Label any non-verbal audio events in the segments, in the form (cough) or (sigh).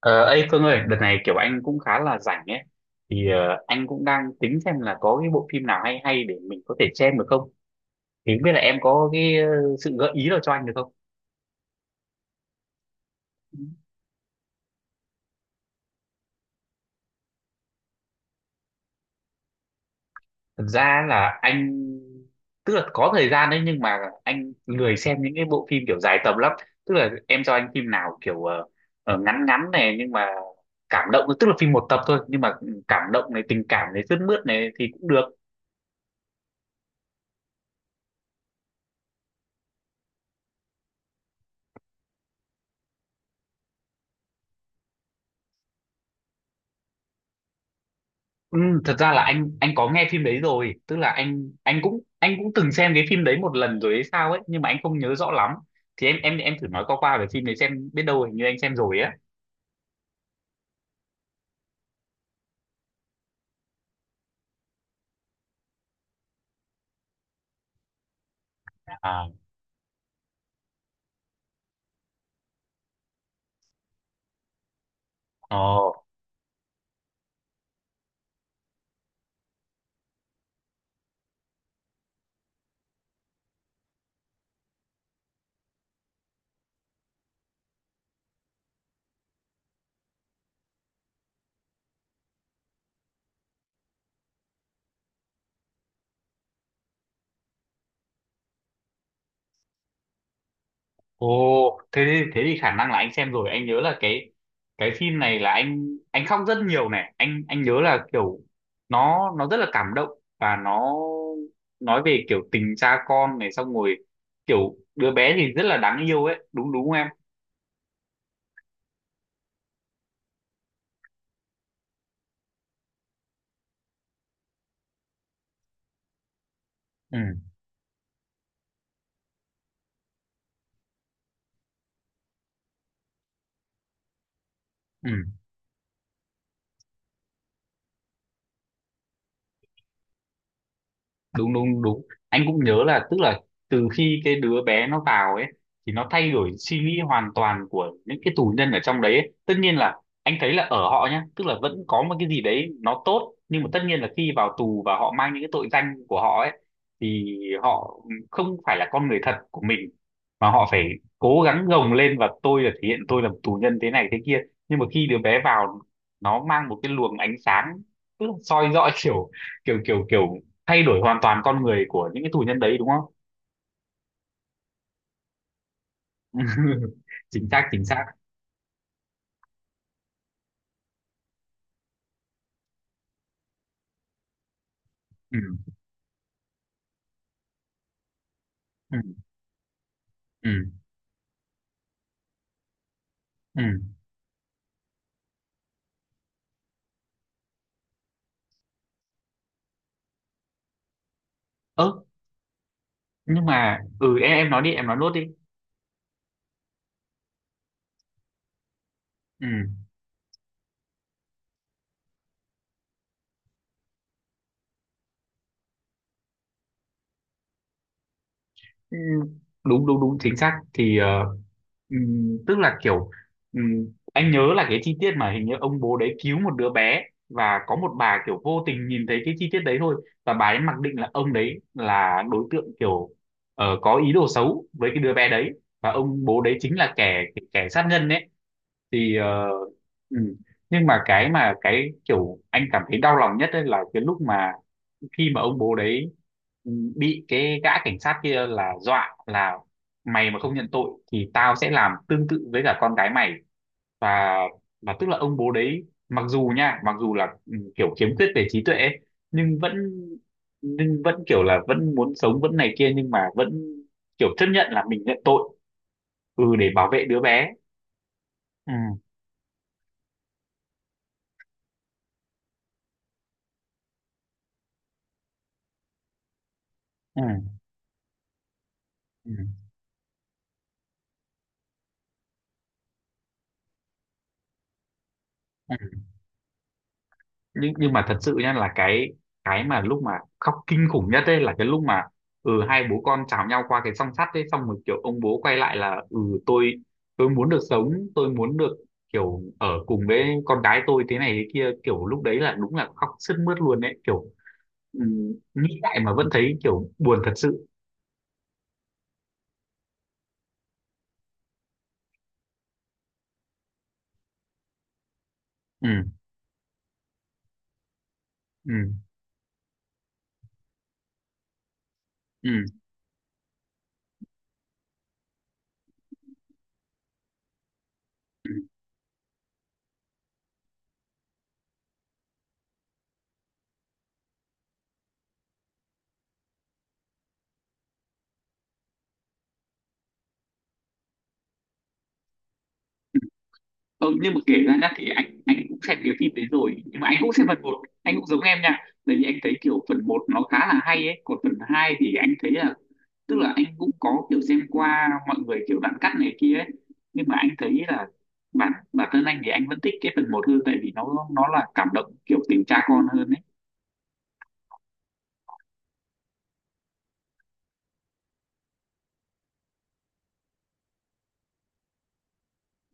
Ờ, Ấy, Phương ơi, đợt này kiểu anh cũng khá là rảnh ấy, thì anh cũng đang tính xem là có cái bộ phim nào hay hay để mình có thể xem được không? Thì không biết là em có cái sự gợi ý nào cho anh được không? Thật ra là tức là có thời gian đấy nhưng mà anh lười xem những cái bộ phim kiểu dài tầm lắm. Tức là em cho anh phim nào kiểu ngắn ngắn này nhưng mà cảm động, tức là phim một tập thôi nhưng mà cảm động này, tình cảm này, sướt mướt này thì cũng được. Ừ, thật ra là anh có nghe phim đấy rồi, tức là anh cũng từng xem cái phim đấy một lần rồi hay sao ấy, nhưng mà anh không nhớ rõ lắm. Thì em thử nói qua qua về phim đấy xem, biết đâu hình như anh xem rồi á. À. Ờ. Ồ. Thế thì khả năng là anh xem rồi. Anh nhớ là cái phim này là anh khóc rất nhiều này. Anh nhớ là kiểu nó rất là cảm động và nó nói về kiểu tình cha con này, xong rồi kiểu đứa bé thì rất là đáng yêu ấy, đúng đúng không em? Ừ, ừ, đúng, đúng, đúng, anh cũng nhớ là tức là từ khi cái đứa bé nó vào ấy thì nó thay đổi suy nghĩ hoàn toàn của những cái tù nhân ở trong đấy ấy. Tất nhiên là anh thấy là ở họ nhá, tức là vẫn có một cái gì đấy nó tốt, nhưng mà tất nhiên là khi vào tù và họ mang những cái tội danh của họ ấy, thì họ không phải là con người thật của mình, mà họ phải cố gắng gồng lên và tôi là thể hiện tôi là một tù nhân thế này thế kia. Nhưng mà khi đứa bé vào, nó mang một cái luồng ánh sáng, tức là soi rõ (laughs) kiểu kiểu kiểu kiểu thay đổi hoàn toàn con người của những cái tù nhân đấy, đúng không? (laughs) Chính xác, chính xác. Ừ, ừ, ừ, ừ. Ơ, nhưng mà em nói đi, em nói nốt đi. Ừ. Ừ, đúng, đúng, đúng, chính xác. Thì tức là kiểu, anh nhớ là cái chi tiết mà hình như ông bố đấy cứu một đứa bé, và có một bà kiểu vô tình nhìn thấy cái chi tiết đấy thôi, và bà ấy mặc định là ông đấy là đối tượng kiểu có ý đồ xấu với cái đứa bé đấy, và ông bố đấy chính là kẻ kẻ sát nhân ấy. Thì ừ. Nhưng mà cái, mà cái kiểu anh cảm thấy đau lòng nhất ấy là cái lúc mà, khi mà ông bố đấy ừ, bị cái gã cảnh sát kia là dọa là, mày mà không nhận tội thì tao sẽ làm tương tự với cả con gái mày. Và và tức là ông bố đấy, mặc dù nha, mặc dù là kiểu khiếm khuyết về trí tuệ ấy, nhưng vẫn, nhưng vẫn kiểu là vẫn muốn sống, vẫn này kia, nhưng mà vẫn kiểu chấp nhận là mình nhận tội. Để bảo vệ đứa bé. Ừ, ừ, ừ. Nhưng mà thật sự nha, là cái mà lúc mà khóc kinh khủng nhất ấy là cái lúc mà hai bố con chào nhau qua cái song sắt ấy, xong rồi kiểu ông bố quay lại là tôi tôi muốn được sống, tôi muốn được kiểu ở cùng với con gái tôi thế này thế kia. Kiểu lúc đấy là đúng là khóc sướt mướt luôn đấy, kiểu ừ, nghĩ lại mà vẫn thấy kiểu buồn thật sự. Ừ, ừ, ừ. Ừ, nhưng mà kể ra nhá, thì anh cũng xem cái phim đấy rồi, nhưng mà anh cũng xem phần một, anh cũng giống em nha. Tại vì anh thấy kiểu phần một nó khá là hay ấy, còn phần 2 thì anh thấy là, tức là anh cũng có kiểu xem qua mọi người, kiểu đoạn cắt này kia ấy, nhưng mà anh thấy là bản bản thân anh thì anh vẫn thích cái phần một hơn, tại vì nó là cảm động kiểu tình cha con hơn ấy.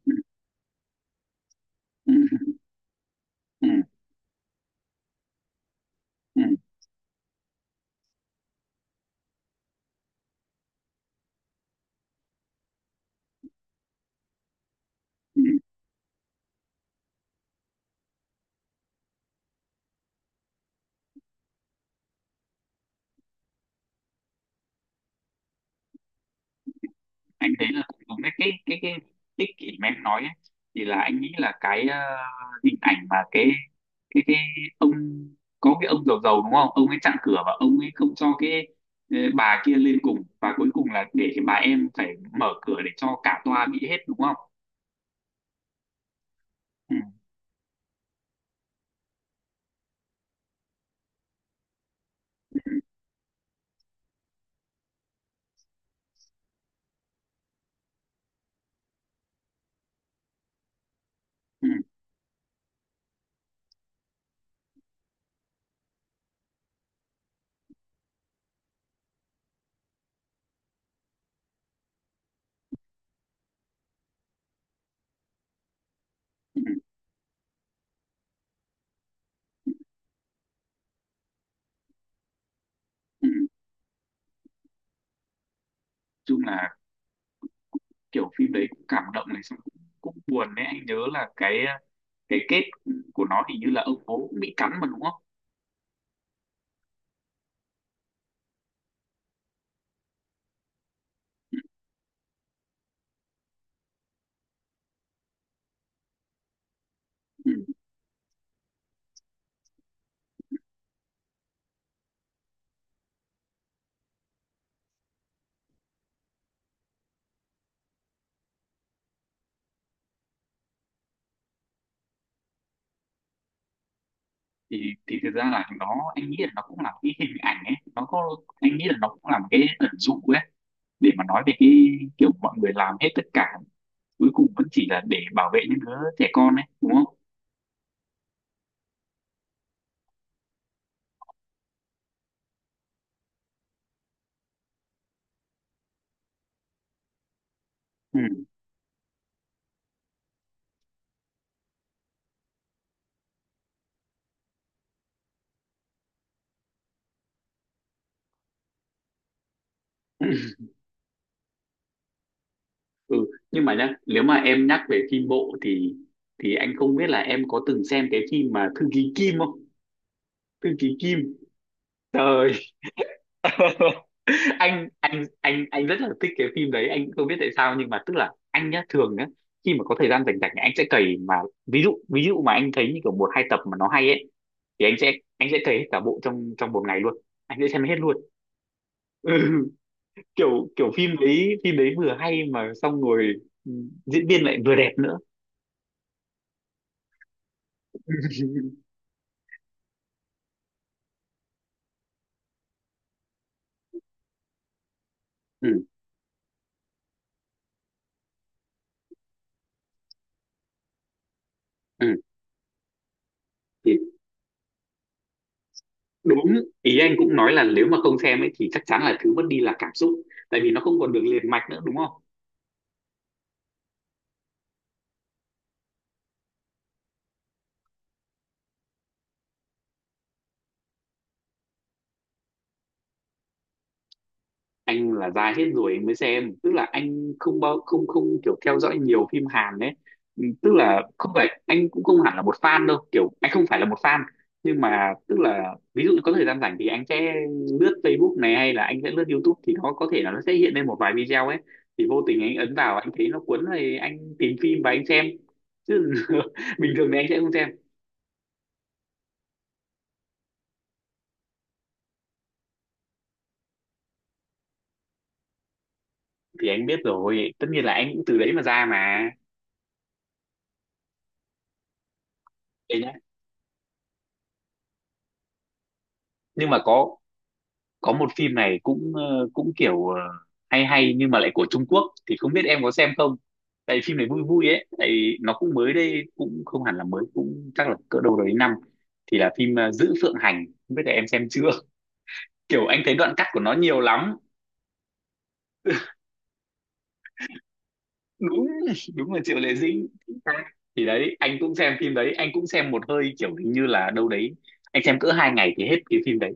Ừ, ừ, ừ, ừ. Ừ, ừ. Anh thấy là cũng đúng đấy. Cái ích kỷ mà em nói ấy, thì là anh nghĩ là cái hình ảnh mà cái ông, có cái ông giàu giàu đúng không, ông ấy chặn cửa và ông ấy không cho cái bà kia lên cùng, và cuối cùng là để cái bà em phải mở cửa để cho cả toa bị hết đúng không? Ừ, ừ, ừ, ừ, ừ. Chung là kiểu phim đấy cũng cảm động này, xong cũng, cũng buồn đấy. Anh nhớ là cái kết của nó hình như là ông bố cũng bị cắn mà đúng không? Ừ. Thì thực ra là nó, anh nghĩ là nó cũng là một cái hình ảnh ấy, nó có, anh nghĩ là nó cũng là một cái ẩn dụ ấy, để mà nói về cái kiểu mọi người làm hết tất cả, cuối cùng vẫn chỉ là để bảo vệ những đứa trẻ con ấy đúng không? Ừ. (laughs) Ừ, nhưng mà nhá, nếu mà em nhắc về phim bộ thì, anh không biết là em có từng xem cái phim mà Thư ký Kim không? Thư ký Kim. Trời. (laughs) Anh rất là thích cái phim đấy, anh không biết tại sao, nhưng mà tức là anh nhá, thường nhá, khi mà có thời gian rảnh rảnh anh sẽ cày mà. Ví dụ mà anh thấy như kiểu một hai tập mà nó hay ấy, thì anh sẽ cày hết cả bộ trong trong một ngày luôn, anh sẽ xem hết luôn. (laughs) Ừ, kiểu kiểu phim đấy vừa hay mà, xong rồi ừ, diễn viên lại vừa đẹp nữa. (laughs) Ừ, ừ. Thì đúng, ý anh cũng nói là nếu mà không xem ấy thì chắc chắn là thứ mất đi là cảm xúc, tại vì nó không còn được liền mạch nữa đúng không? Anh là dài hết rồi anh mới xem, tức là anh không bao không không kiểu theo dõi nhiều phim Hàn đấy. Ừ, tức là không phải, anh cũng không hẳn là một fan đâu, kiểu anh không phải là một fan. Nhưng mà tức là ví dụ có thời gian rảnh thì anh sẽ lướt Facebook này, hay là anh sẽ lướt YouTube, thì nó có thể là nó sẽ hiện lên một vài video ấy, thì vô tình anh ấn vào, anh thấy nó cuốn thì anh tìm phim và anh xem. Chứ (laughs) bình thường thì anh sẽ không xem. Thì anh biết rồi, tất nhiên là anh cũng từ đấy mà ra mà. Thế nhá, nhưng mà có một phim này cũng cũng kiểu hay hay, nhưng mà lại của Trung Quốc, thì không biết em có xem không. Tại vì phim này vui vui ấy, tại vì nó cũng mới đây, cũng không hẳn là mới, cũng chắc là cỡ đâu đấy năm. Thì là phim Giữ Phượng Hành, không biết là em xem chưa. (laughs) Kiểu anh thấy đoạn cắt của nó nhiều lắm. Đúng, đúng là Triệu Lệ Dĩnh. Thì đấy, anh cũng xem phim đấy, anh cũng xem một hơi, kiểu hình như là đâu đấy anh xem cỡ 2 ngày thì hết cái phim đấy.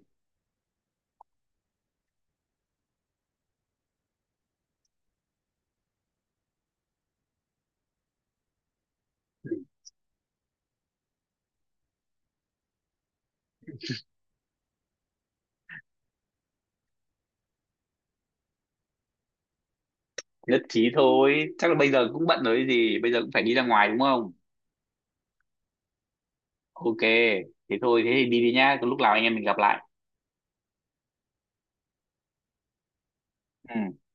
Nhất trí thôi, chắc là bây giờ cũng bận rồi gì, bây giờ cũng phải đi ra ngoài đúng không? OK. Thế thôi, thế thì đi đi nhá, lúc nào anh em mình gặp lại. Ừ.